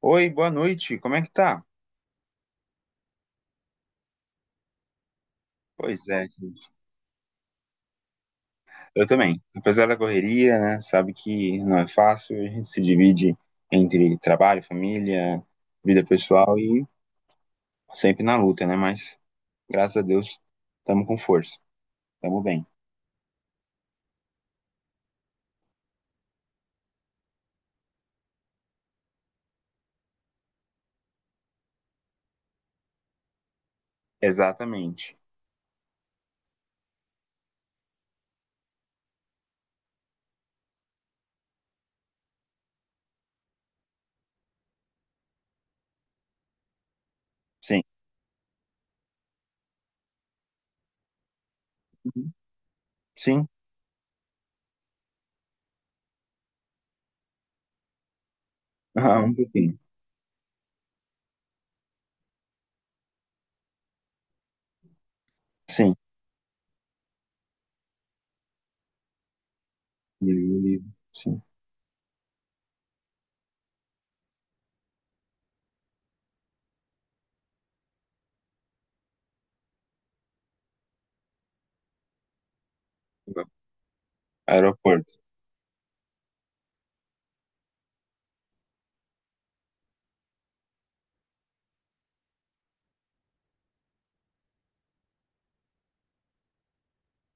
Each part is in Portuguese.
Oi, boa noite, como é que tá? Pois é, gente. Eu também. Apesar da correria, né, sabe que não é fácil, a gente se divide entre trabalho, família, vida pessoal e sempre na luta, né? Mas graças a Deus estamos com força, estamos bem. Exatamente. Sim. Uhum. Sim. Ah, um pouquinho. Sim. E- Sim. Aeroporto.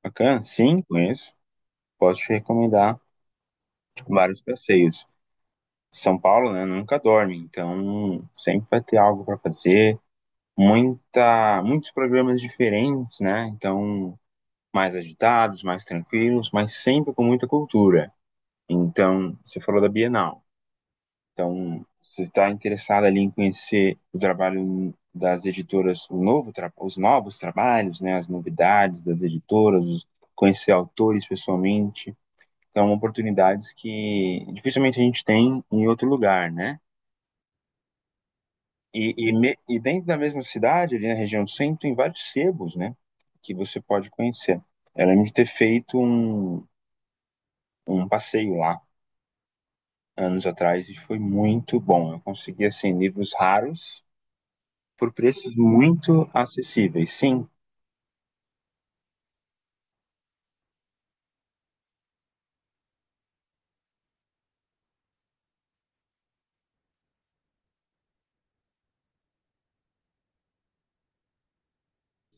Bacana? Sim, conheço. Posso te recomendar vários passeios. São Paulo, né, nunca dorme, então sempre vai ter algo para fazer, muitos programas diferentes, né? Então, mais agitados, mais tranquilos, mas sempre com muita cultura. Então, você falou da Bienal. Então, se está interessado ali em conhecer o trabalho das editoras, os novos trabalhos, né, as novidades das editoras, conhecer autores pessoalmente, então oportunidades que dificilmente a gente tem em outro lugar, né? E dentro da mesma cidade, ali na região do centro, tem vários sebos, né? Que você pode conhecer. Eu lembro de ter feito um passeio lá anos atrás e foi muito bom. Eu consegui, assim, livros raros por preços muito acessíveis. Sim,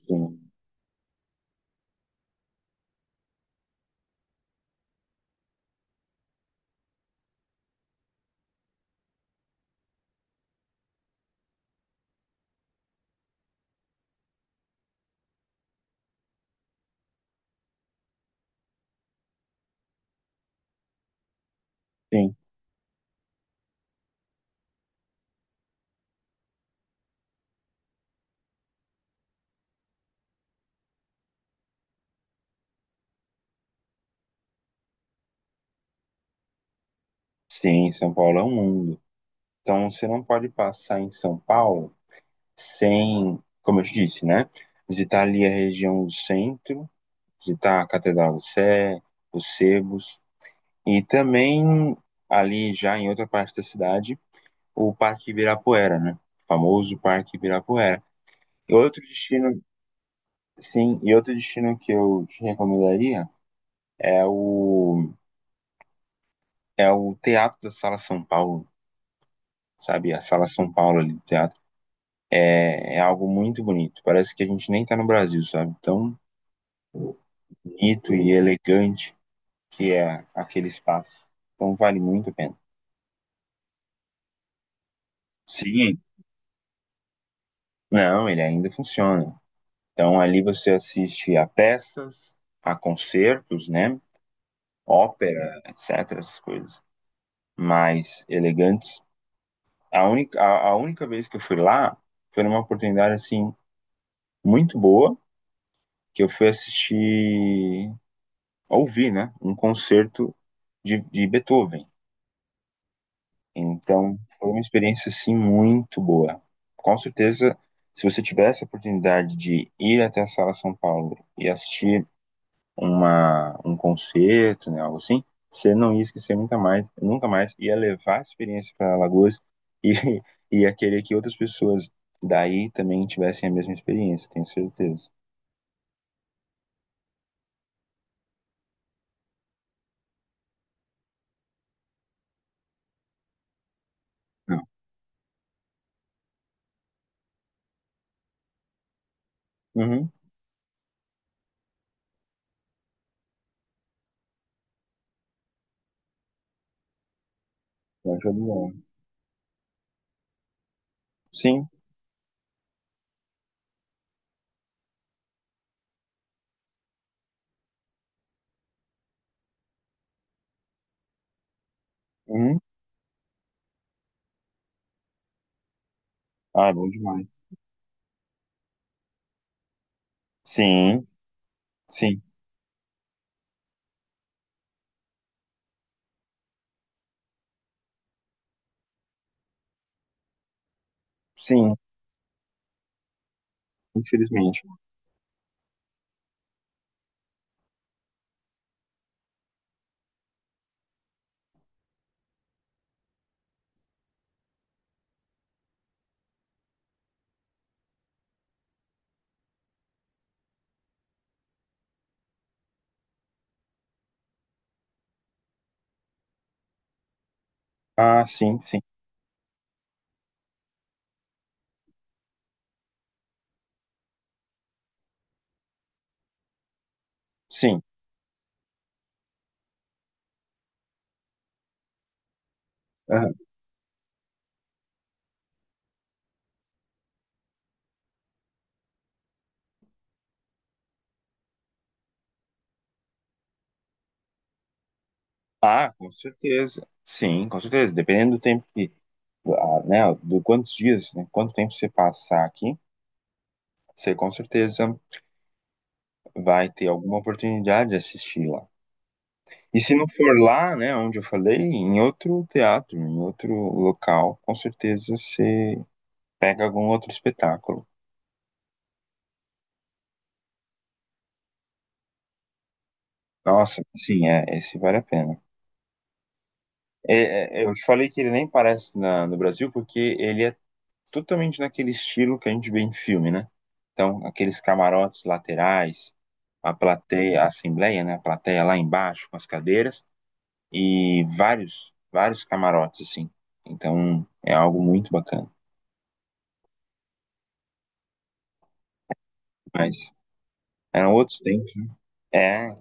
sim, sim. Sim, São Paulo é um mundo. Então, você não pode passar em São Paulo sem, como eu te disse, né? Visitar ali a região do centro, visitar a Catedral do Sé, os sebos. E também, ali já em outra parte da cidade, o Parque Ibirapuera, né? O famoso Parque Ibirapuera. E outro destino, sim, e outro destino que eu te recomendaria é o, é o Teatro da Sala São Paulo, sabe? A Sala São Paulo ali do teatro. É algo muito bonito. Parece que a gente nem tá no Brasil, sabe? Tão bonito e elegante que é aquele espaço. Então vale muito a pena. Sim. Não, ele ainda funciona. Então ali você assiste a peças, a concertos, né? Ópera, etc, essas coisas mais elegantes. A única vez que eu fui lá foi numa oportunidade assim muito boa, que eu fui assistir, ouvir, né, um concerto de Beethoven. Então foi uma experiência assim muito boa. Com certeza, se você tiver essa oportunidade de ir até a Sala São Paulo e assistir um concerto, né, algo assim, você não ia esquecer nunca mais, nunca mais, ia levar a experiência para Alagoas e ia querer que outras pessoas daí também tivessem a mesma experiência, tenho certeza. Não. Uhum. Eu acho bom. Sim. Uhum. Ah, é bom demais. Sim, sim, sim, infelizmente. Ah, sim, sim, sim. Aham. Ah, com certeza. Sim, com certeza. Dependendo do tempo que, ah, né, do quantos dias, né, quanto tempo você passar aqui, você com certeza vai ter alguma oportunidade de assistir lá. E se não for lá, né, onde eu falei, em outro teatro, em outro local, com certeza você pega algum outro espetáculo. Nossa, sim, esse vale a pena. É, eu te falei que ele nem parece no Brasil porque ele é totalmente naquele estilo que a gente vê em filme, né? Então, aqueles camarotes laterais, a plateia, a assembleia, né? A plateia lá embaixo com as cadeiras. E vários, vários camarotes, assim. Então é algo muito bacana. Mas eram outros tempos, né? É,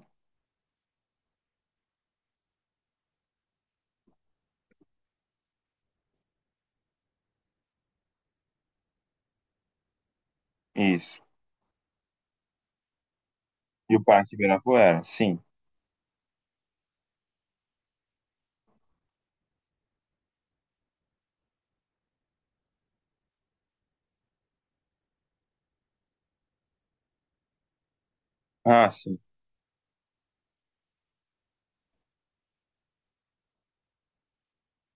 isso. E o Parque Ibirapuera, sim. Ah, sim.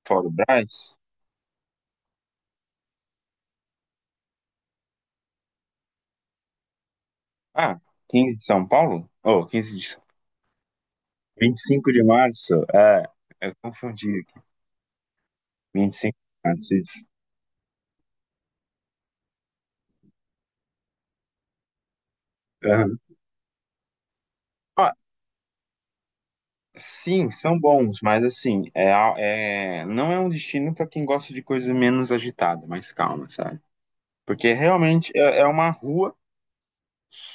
Fora o Brás. Ah, quinze de São Paulo? Oh, 15 de... 25 de março. É, eu confundi. 25 de março, isso. Aham. Ah, sim, são bons, mas assim, não é um destino para quem gosta de coisa menos agitada, mais calma, sabe? Porque realmente é uma rua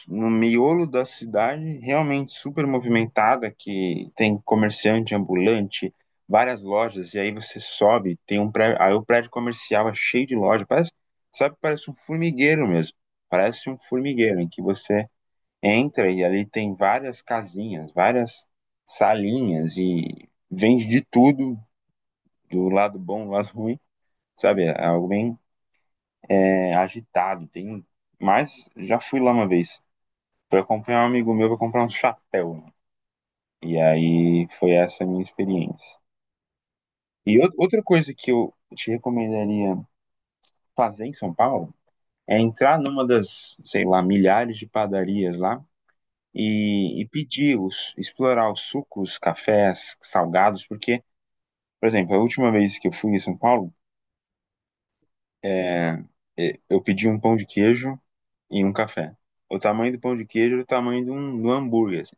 no miolo da cidade, realmente super movimentada, que tem comerciante ambulante, várias lojas, e aí você sobe, tem um prédio, aí o prédio comercial é cheio de loja, parece, sabe, parece um formigueiro mesmo, parece um formigueiro em que você entra e ali tem várias casinhas, várias salinhas e vende de tudo, do lado bom, do lado ruim, sabe, é algo bem agitado, tem mas já fui lá uma vez. Fui acompanhar um amigo meu pra comprar um chapéu, né? E aí foi essa a minha experiência. E outra coisa que eu te recomendaria fazer em São Paulo é entrar numa das, sei lá, milhares de padarias lá e pedir explorar os sucos, cafés, salgados, porque, por exemplo, a última vez que eu fui em São Paulo, é, eu pedi um pão de queijo e um café. O tamanho do pão de queijo era o tamanho de um hambúrguer, assim,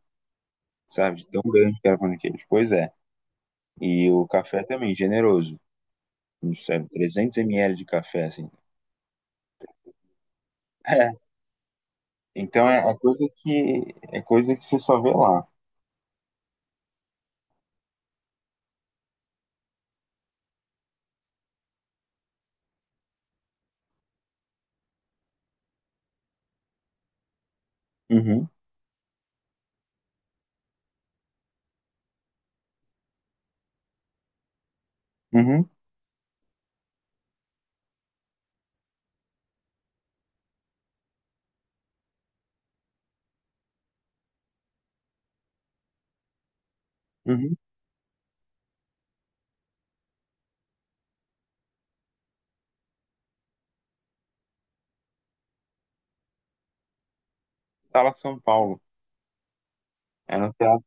sabe? De tão grande que era o pão de queijo. Pois é. E o café também, generoso. Uns 300 ml de café, assim. É, então é coisa que você só vê lá. Uhum, uhum, uhum. Sala São Paulo. É no teatro,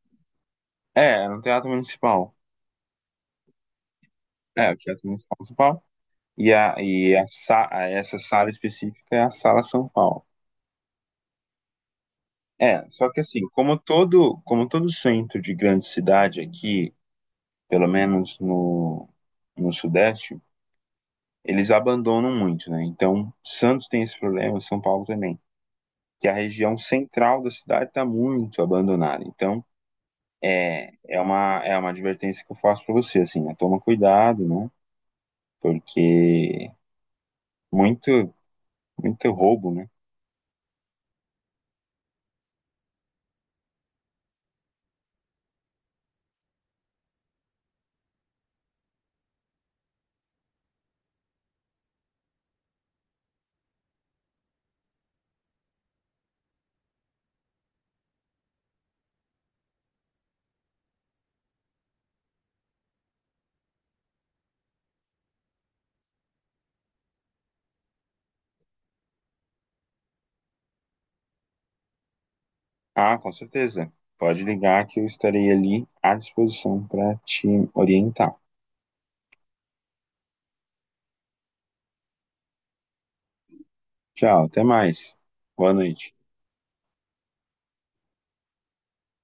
é no teatro municipal. É, o Teatro Municipal de São Paulo. E essa sala específica é a Sala São Paulo. É, só que assim, como todo centro de grande cidade aqui, pelo menos no Sudeste, eles abandonam muito, né? Então, Santos tem esse problema, São Paulo também, que a região central da cidade está muito abandonada. Então, é uma advertência que eu faço para você, assim, né? Toma cuidado, né? Porque muito, muito roubo, né? Ah, com certeza. Pode ligar que eu estarei ali à disposição para te orientar. Tchau, até mais. Boa noite.